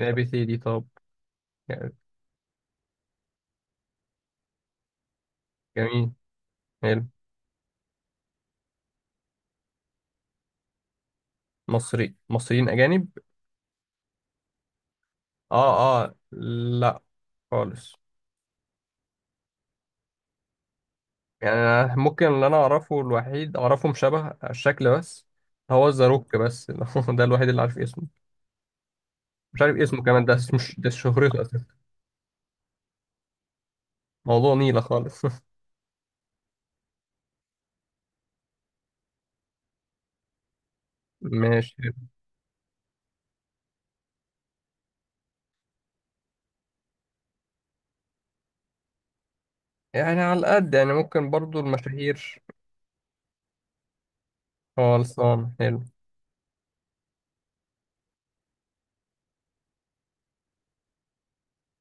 ABCD، طب. جميل. حلو. مصريين اجانب. اه، لا. خالص. يعني أنا ممكن اللي انا اعرفه الوحيد اعرفهم شبه الشكل بس. هو الزاروك بس ده الوحيد اللي عارف اسمه. مش عارف اسمه كمان، ده مش ده شهرته اساسا. موضوع نيلة خالص ماشي. يعني على قد، يعني ممكن برضو المشاهير. خلصان، حلو.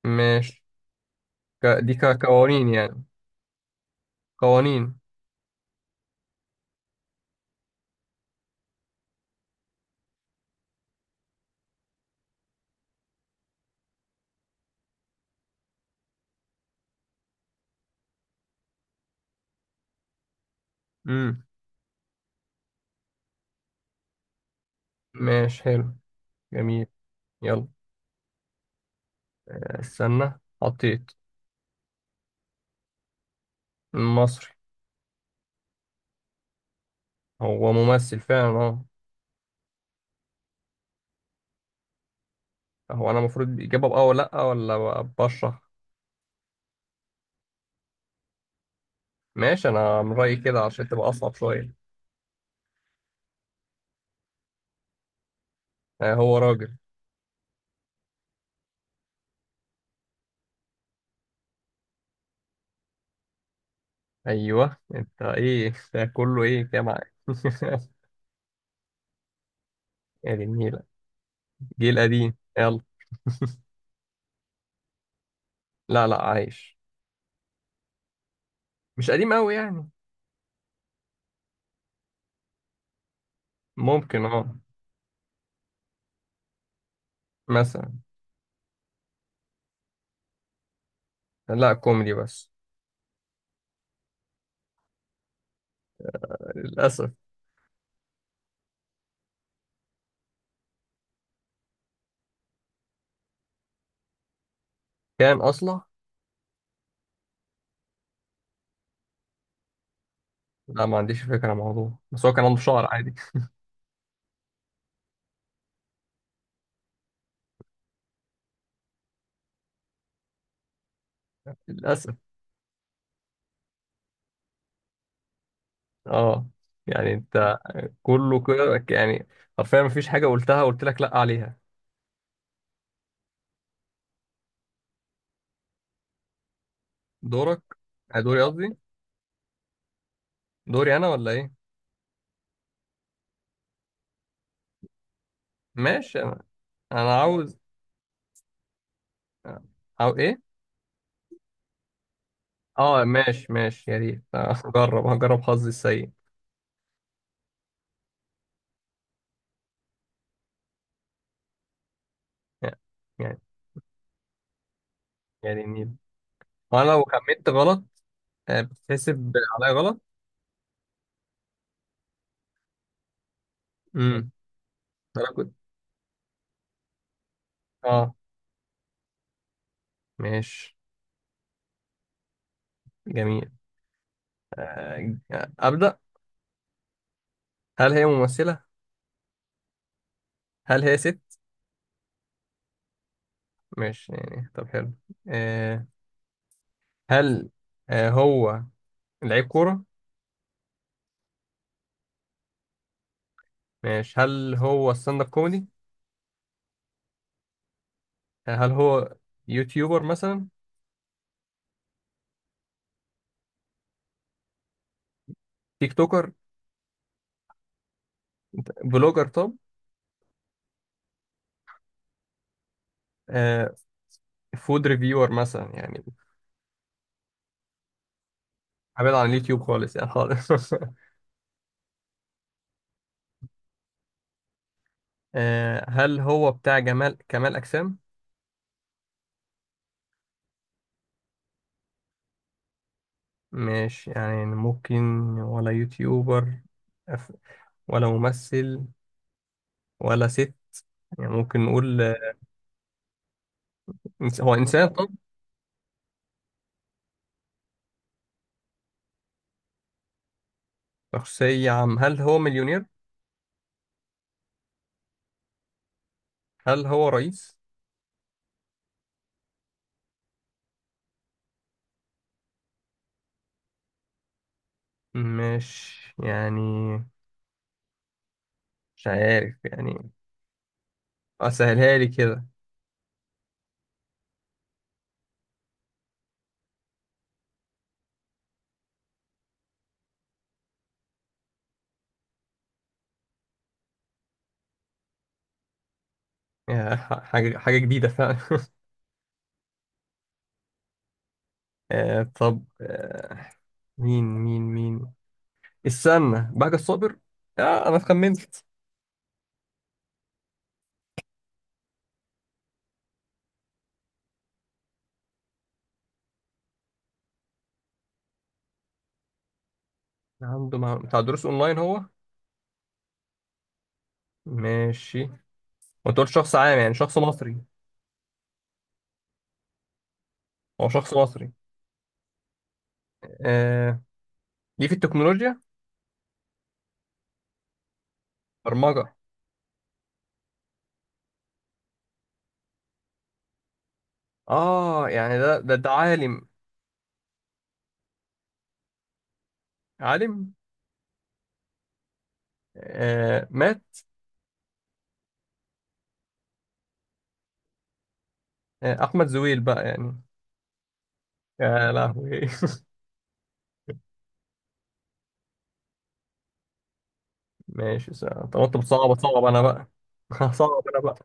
ماشي. دي كقوانين يعني. قوانين. امم. ماشي، حلو. جميل. يلا. استنى، حطيت. مصري. هو ممثل فعلا، اه. هو انا المفروض اجابه بأه ولا لا ولا بشرح؟ ماشي، انا من رايي كده عشان تبقى اصعب شويه. آه، هو راجل. ايوه، انت ايه ده كله ايه كده معاك. يا دي النيله. جيل قديم، يلا. لا لا، عايش. مش قديم قوي يعني. ممكن، اه. مثلا. لا، كوميدي بس. للاسف. كان اصلا. لا، ما عنديش فكره عن الموضوع، بس هو كان عنده شعر عادي. للاسف. اه يعني انت كله كده يعني. حرفيا مفيش حاجة قلتها، قلت لك لأ عليها. دورك. دوري قصدي. دوري أنا ولا إيه؟ ماشي، أنا. أنا عاوز. أو إيه؟ أه، ماشي ماشي، يا ريت. هجرب حظي السيء. يعني يعني يعني النيل. وأنا لو خمنت غلط، بتحسب عليا غلط؟ أمم. أنا كنت. أه، ماشي. جميل. آه، أبدأ. هل هي ممثلة؟ هل هي ست؟ ماشي، يعني طب حلو. آه، هل آه، هو لعيب كورة؟ ماشي، هل هو ستاند اب كوميدي؟ هل هو يوتيوبر مثلا؟ تيك توكر؟ بلوجر طب؟ آه، فود ريفيور مثلا يعني. ابعد عن اليوتيوب خالص، يعني خالص آه، هل هو بتاع كمال اجسام؟ مش يعني ممكن. ولا يوتيوبر. أف- ولا ممثل. ولا ست. يعني ممكن نقول، هو انسان طب؟ شخصية عام، هل هو مليونير؟ هل هو رئيس؟ مش يعني. مش عارف يعني. اه، سهلها لي كده. حاجة حاجة جديدة فعلا آه، طب آه، مين. استنى، بهجة الصابر. آه، أنا خمنت. بتاع دروس أونلاين هو؟ ماشي. وأنت قلت شخص عام، يعني شخص مصري. هو شخص مصري. آه، ليه في التكنولوجيا؟ برمجة. آه يعني ده عالم. عالم. آه، مات. آه، أحمد زويل بقى يعني. يا لهوي ماشي سهل. طب أنت بتصعب، صعب أنا بقى. صعب أنا بقى.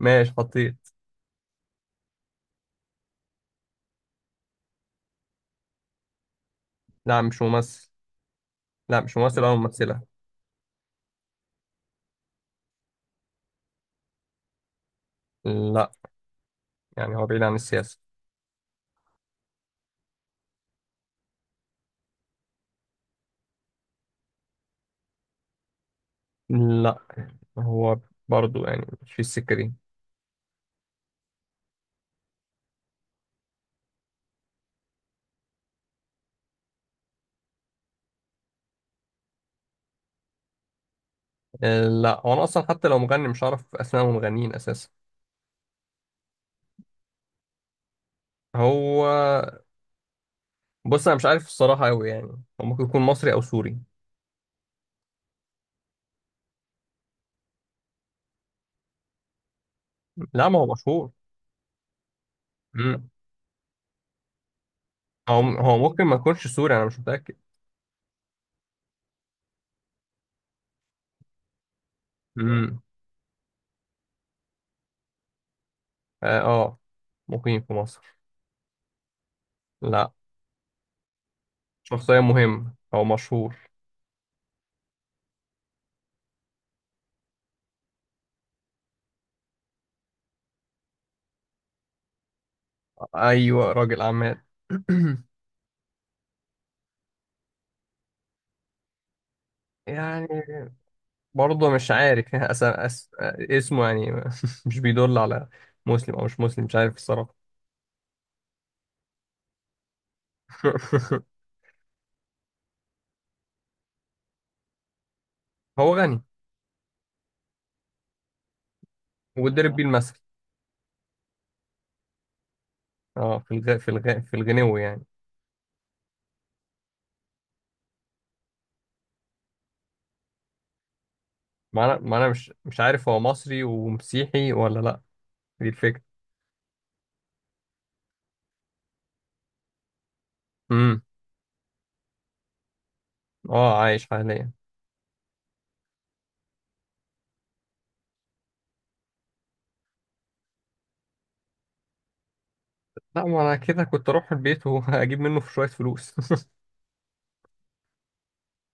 ماشي حطيت. لا مش ممثل. لا مش ممثل أو ممثلة. لا، يعني هو بعيد عن السياسة. لا هو برضو يعني مش في السكة دي. لا هو أنا أصلا حتى لو مغني مش عارف أسماء المغنيين أساسا. هو بص أنا مش عارف الصراحة أوي يعني. هو ممكن يكون مصري أو سوري. لا ما هو مشهور. مم. هو ممكن ما يكونش سوري، أنا مش متأكد. مم. آه، آه. مقيم في مصر. لا. شخصية مهمة أو مشهور. أيوة راجل أعمال. يعني. برضه مش عارف اسمه يعني. مش بيدل على مسلم او مش مسلم، مش عارف الصراحه. هو غني. وضرب بيه المثل. اه في الغنو يعني. ما انا مش عارف هو مصري ومسيحي ولا لا. دي الفكره. امم. اه عايش حاليا. لا، ما انا كده كنت اروح البيت واجيب منه في شويه فلوس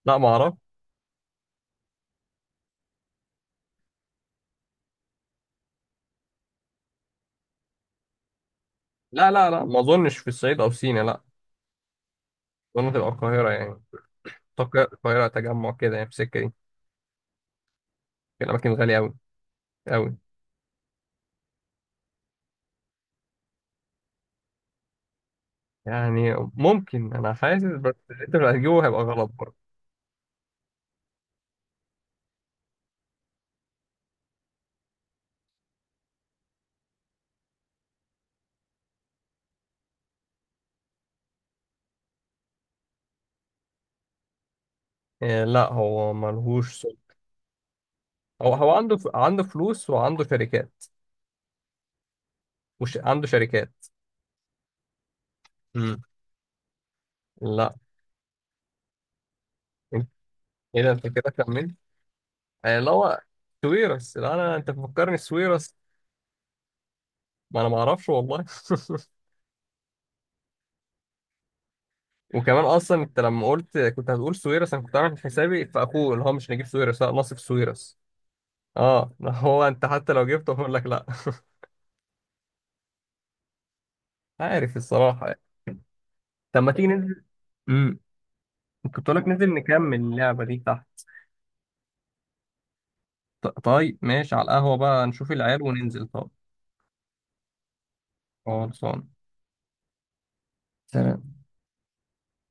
لا ما اعرف. لا لا لا، ما اظنش في الصعيد او سينا، لا. اظن تبقى القاهره يعني. أعتقد القاهره تجمع كده، يعني في السكه دي. في الاماكن غاليه قوي قوي. يعني ممكن انا حاسس بس انت اللي هتجيبه هيبقى غلط برضه. إيه، لا هو ملهوش سوق. هو عنده فلوس وعنده شركات. عنده شركات. امم. لا. انت ايه ده انت كده كملت. يعني اللي هو سويرس. لا انا، انت بتفكرني سويرس. ما انا ما اعرفش والله وكمان اصلا انت لما قلت كنت هتقول سويرس، انا كنت عامل حسابي في اخوه اللي هو مش نجيب سويرس، لا نصف سويرس. اه هو انت حتى لو جبته هقول لك لا. عارف الصراحه يعني. طب ما تيجي ننزل، كنت لك ننزل نكمل اللعبة دي تحت. طيب ماشي، على القهوة بقى نشوف العيال وننزل طب. خلصان. سلام.